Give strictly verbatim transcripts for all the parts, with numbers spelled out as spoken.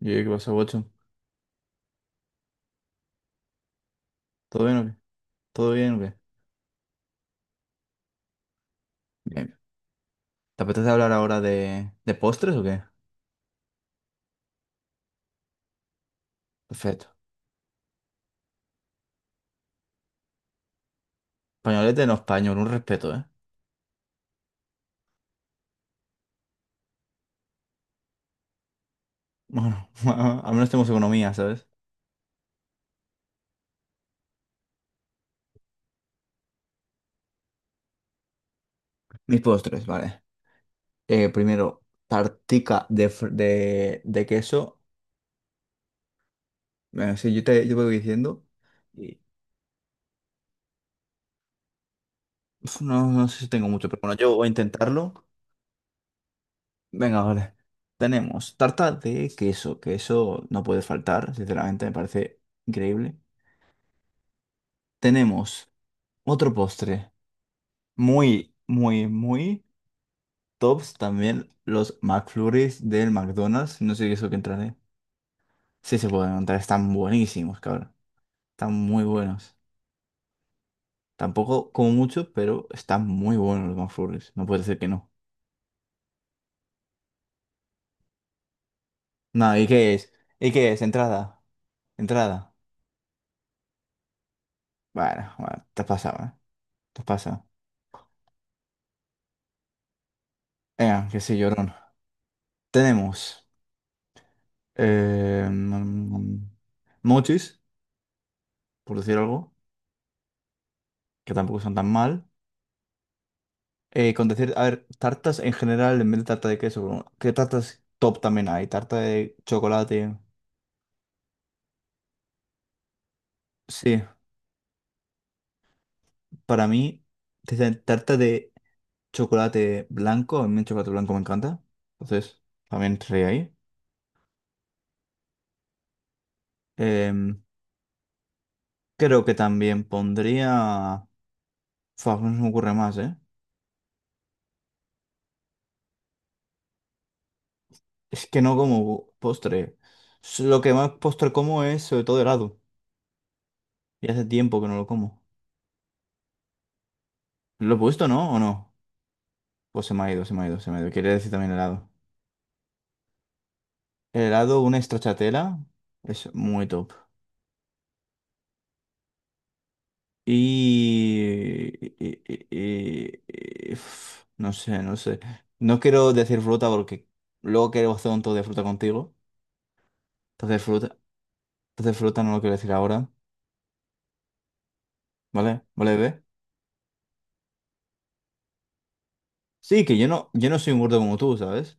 Y yo, ¿qué pasó, Watson? ¿Todo bien o qué? ¿Todo bien o qué? Bien. ¿Te apetece hablar ahora de, de postres o qué? Perfecto. Españolete no español, un respeto, ¿eh? Bueno, al menos tenemos economía, ¿sabes? Mis postres, vale. Eh, primero, tartica de, fr- de, de queso. Bueno, sí, yo te, yo voy diciendo. Y, uf, no, no sé si tengo mucho, pero bueno, yo voy a intentarlo. Venga, vale. Tenemos tarta de queso, que eso no puede faltar, sinceramente, me parece increíble. Tenemos otro postre. Muy, muy, muy tops también los McFlurries del McDonald's. No sé qué eso que entraré. Sí se pueden encontrar, están buenísimos, cabrón. Están muy buenos. Tampoco como mucho, pero están muy buenos los McFlurries. No puede ser que no. No, ¿y qué es? ¿Y qué es? Entrada. Entrada. Bueno, bueno, te has pasado, ¿eh? Te has pasado. Venga, que sí, llorón. Tenemos eh, mm, mochis, por decir algo, que tampoco son tan mal. Eh, con decir, a ver, tartas en general, en vez de tarta de queso, bueno, ¿qué tartas top también hay? Tarta de chocolate. Sí, para mí, desde tarta de chocolate blanco, a mí el chocolate blanco me encanta. Entonces, también entraría ahí. Em, Creo que también pondría... Fua, no se me ocurre más, ¿eh? Es que no como postre. S- Lo que más postre como es sobre todo helado. Y hace tiempo que no lo como. ¿Lo he puesto, no? ¿O no? Pues se me ha ido, se me ha ido, se me ha ido. Quería decir también helado. El helado, una stracciatella, es muy top. Y... y- y- y- y- Uf, no sé, no sé. No quiero decir fruta porque luego quiero hacer un tour de fruta contigo. Entonces fruta, entonces fruta no lo quiero decir ahora. ¿Vale? ¿Vale, ve? Sí, que yo no, yo no soy un gordo como tú, ¿sabes?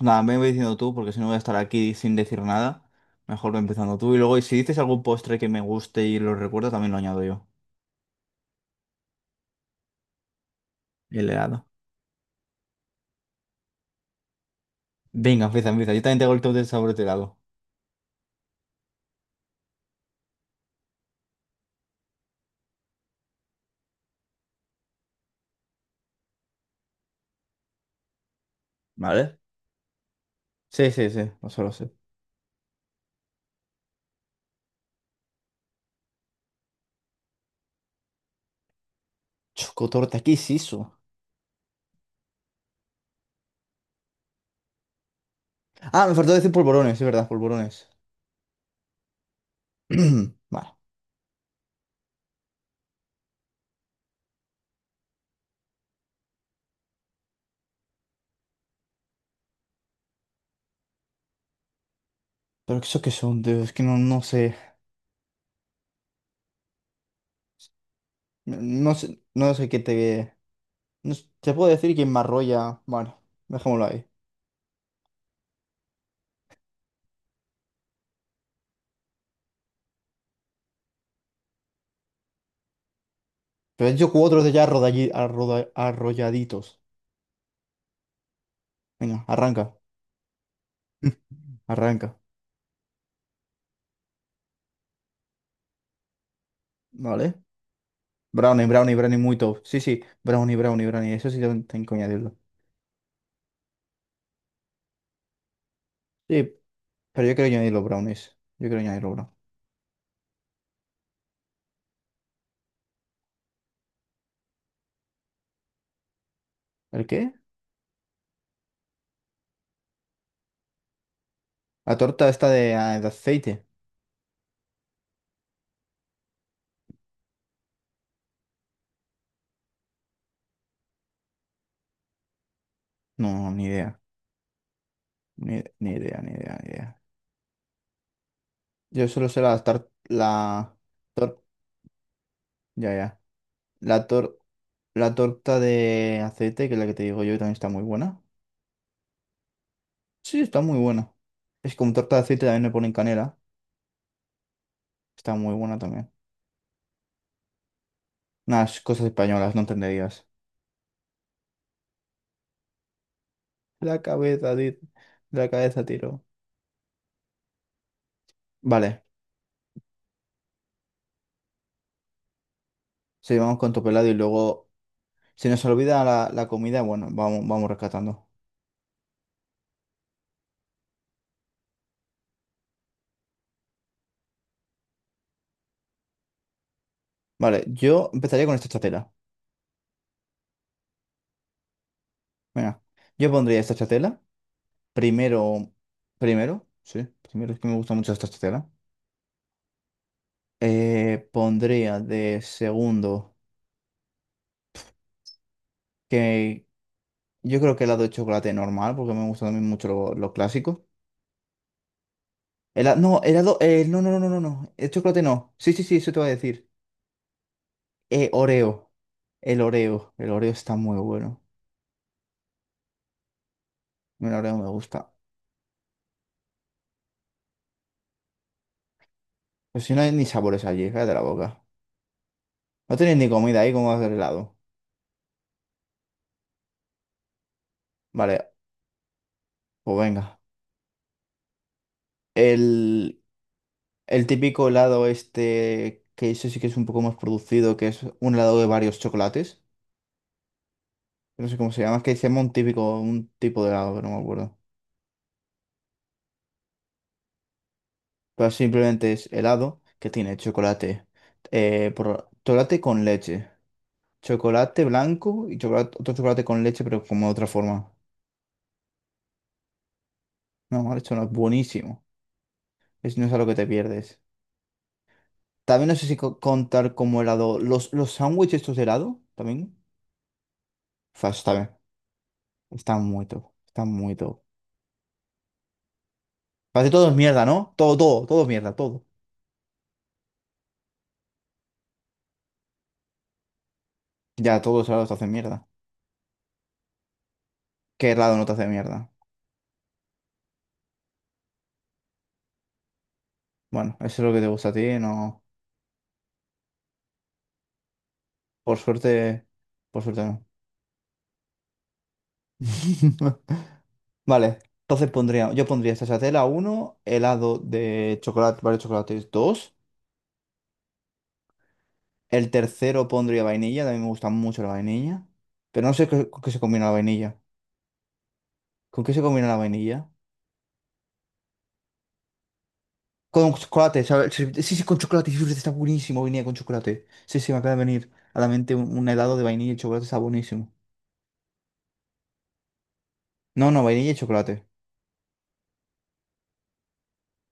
Nada, me voy diciendo tú porque si no voy a estar aquí sin decir nada. Mejor voy empezando tú. Y luego, y si dices algún postre que me guste y lo recuerdo, también lo añado yo. El helado. Venga, empieza, empieza. Yo también tengo el top de sabor de helado. ¿Vale? Sí, sí, sí, no solo sé. Chocotorta, ¿qué es eso? Ah, me faltó decir polvorones, es verdad, polvorones. Vale. Pero eso que son, tío, es que no, no sé. No sé, no sé qué te. No sé, te puedo decir quién me arrolla. Bueno, dejémoslo ahí. Pero he hecho cuatro de ya arrodalli- arroda- arrolladitos. Venga, arranca, arranca. Vale. Brownie, brownie, brownie muy top. Sí, sí, brownie, brownie, brownie. Eso sí tengo tengo que añadirlo. Sí, pero yo quiero añadir los brownies. Yo quiero añadir los brownies. ¿El qué? La torta esta de, ah, de aceite. No, ni idea. Ni, ni idea, ni idea, ni idea. Yo solo sé la tar- la tor- ya, ya. La tor- la torta de aceite, que es la que te digo yo, también está muy buena. Sí, está muy buena. Es como torta de aceite también le ponen canela. Está muy buena también. Unas cosas españolas, no entenderías. La cabeza, di- la cabeza tiro. Vale. Sí, vamos con pelado y luego. Si nos olvida la, la comida, bueno, vamos, vamos rescatando. Vale, yo empezaría con esta chatela. Mira, yo pondría esta chatela. Primero, primero, sí, primero es que me gusta mucho esta chatela. Eh, pondría de segundo, que yo creo que helado de chocolate normal, porque me gusta también mucho lo, lo clásico. Hela- no, helado, eh, no, no, no, no, no, no, el chocolate no. Sí, sí, sí, eso te voy a decir. Eh, Oreo, el Oreo, el Oreo está muy bueno. El Oreo me gusta. Pues si no hay ni sabores allí, cállate la boca. No tenéis ni comida ahí, ¿cómo hacer helado? Vale, pues venga. El... El típico helado este, que eso sí que es un poco más producido, que es un helado de varios chocolates. No sé cómo se llama, es que se llama un típico, un tipo de helado, pero no me acuerdo. Pero simplemente es helado que tiene chocolate, eh, por- chocolate con leche, chocolate blanco y chocolate, otro chocolate con leche, pero como de otra forma. No, mal hecho, no, es buenísimo. Es, no es algo que te pierdes. También no sé si co- contar como helado, los, los sándwiches estos de helado, también. Fast, está bien. Está muy top, está muy top. Casi todo es mierda, ¿no? Todo, todo, todo es mierda, todo. Ya, todos lados te hacen mierda. ¿Qué helado no te hace mierda? Bueno, eso es lo que te gusta a ti, no. Por suerte, por suerte no. Vale, entonces pondría, yo pondría tela uno helado de chocolate, varios chocolates dos el tercero pondría vainilla, también me gusta mucho la vainilla, pero no sé qué- con qué se combina la vainilla. ¿Con qué se combina la vainilla? Con chocolate, ¿sabes? Sí, sí, con chocolate, sí, está buenísimo vainilla con chocolate. Sí, sí, me acaba de venir a la mente un, un helado de vainilla y chocolate, está buenísimo. No, no, vainilla y chocolate.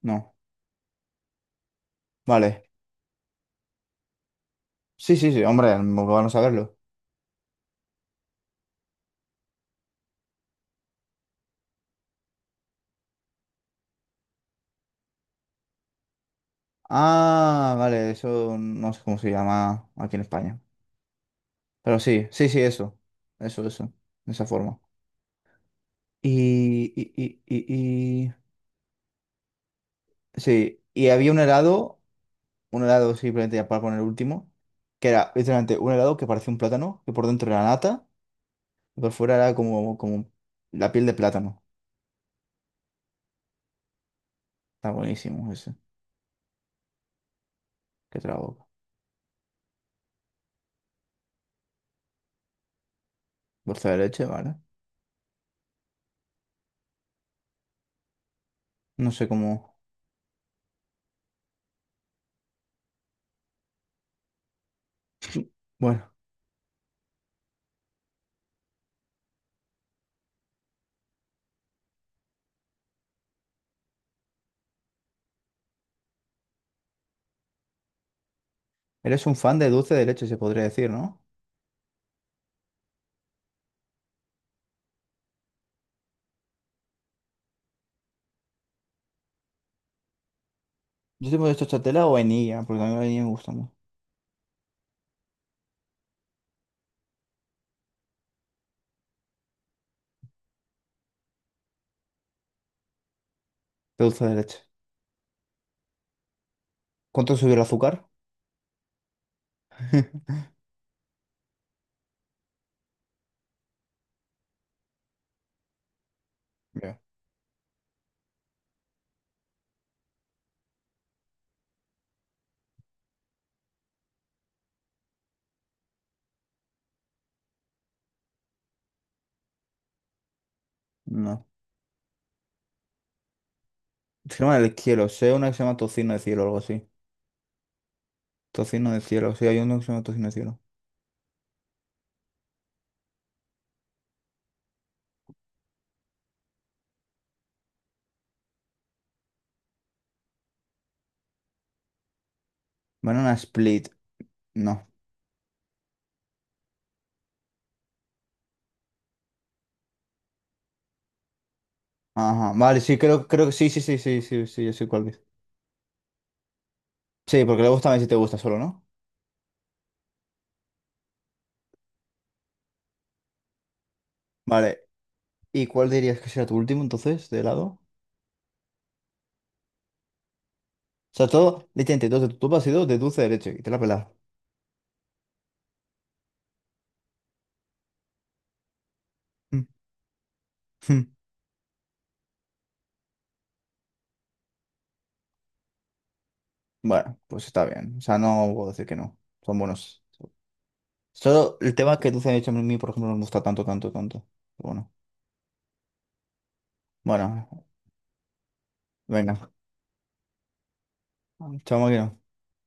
No. Vale. Sí, sí, sí, hombre, vamos a verlo. Ah, vale, eso no sé cómo se llama aquí en España. Pero sí, sí, sí, eso. Eso, eso. De esa forma. Y, y, y, y, y- Sí, y había un helado, un helado simplemente ya para poner el último, que era literalmente un helado que parecía un plátano, que por dentro era nata. Por fuera era como, como la piel de plátano. Está buenísimo ese. Que te la boca. Dulce de leche, ¿vale? No sé cómo. Bueno, eres un fan de dulce de leche, se podría decir, ¿no? Yo tengo de chochatela o vainilla, porque a mí la vainilla me gusta mucho. De dulce de leche. ¿Cuánto subió el azúcar? Ya. No. Se llama el cielo. Sé una que se llama tocino de cielo o algo así. Tocino de cielo. Sí, hay uno que se llama tocino de cielo. Banana split. No. Ajá. Vale, sí, creo, creo que sí, sí, sí, sí, sí, sí, yo sé cuál es. Sí, porque luego también si te gusta solo, ¿no? Vale, ¿y cuál dirías que será tu último entonces, de lado? O sea, todo, literalmente, dos de tu top ha sido de dulce derecho y te la pelas. Mm, mm. Bueno, pues está bien. O sea, no puedo decir que no. Son buenos. Solo el tema que dulce derecho a mí, por ejemplo, no me gusta tanto, tanto, tanto. Bueno, bueno, venga. Chao, máquina.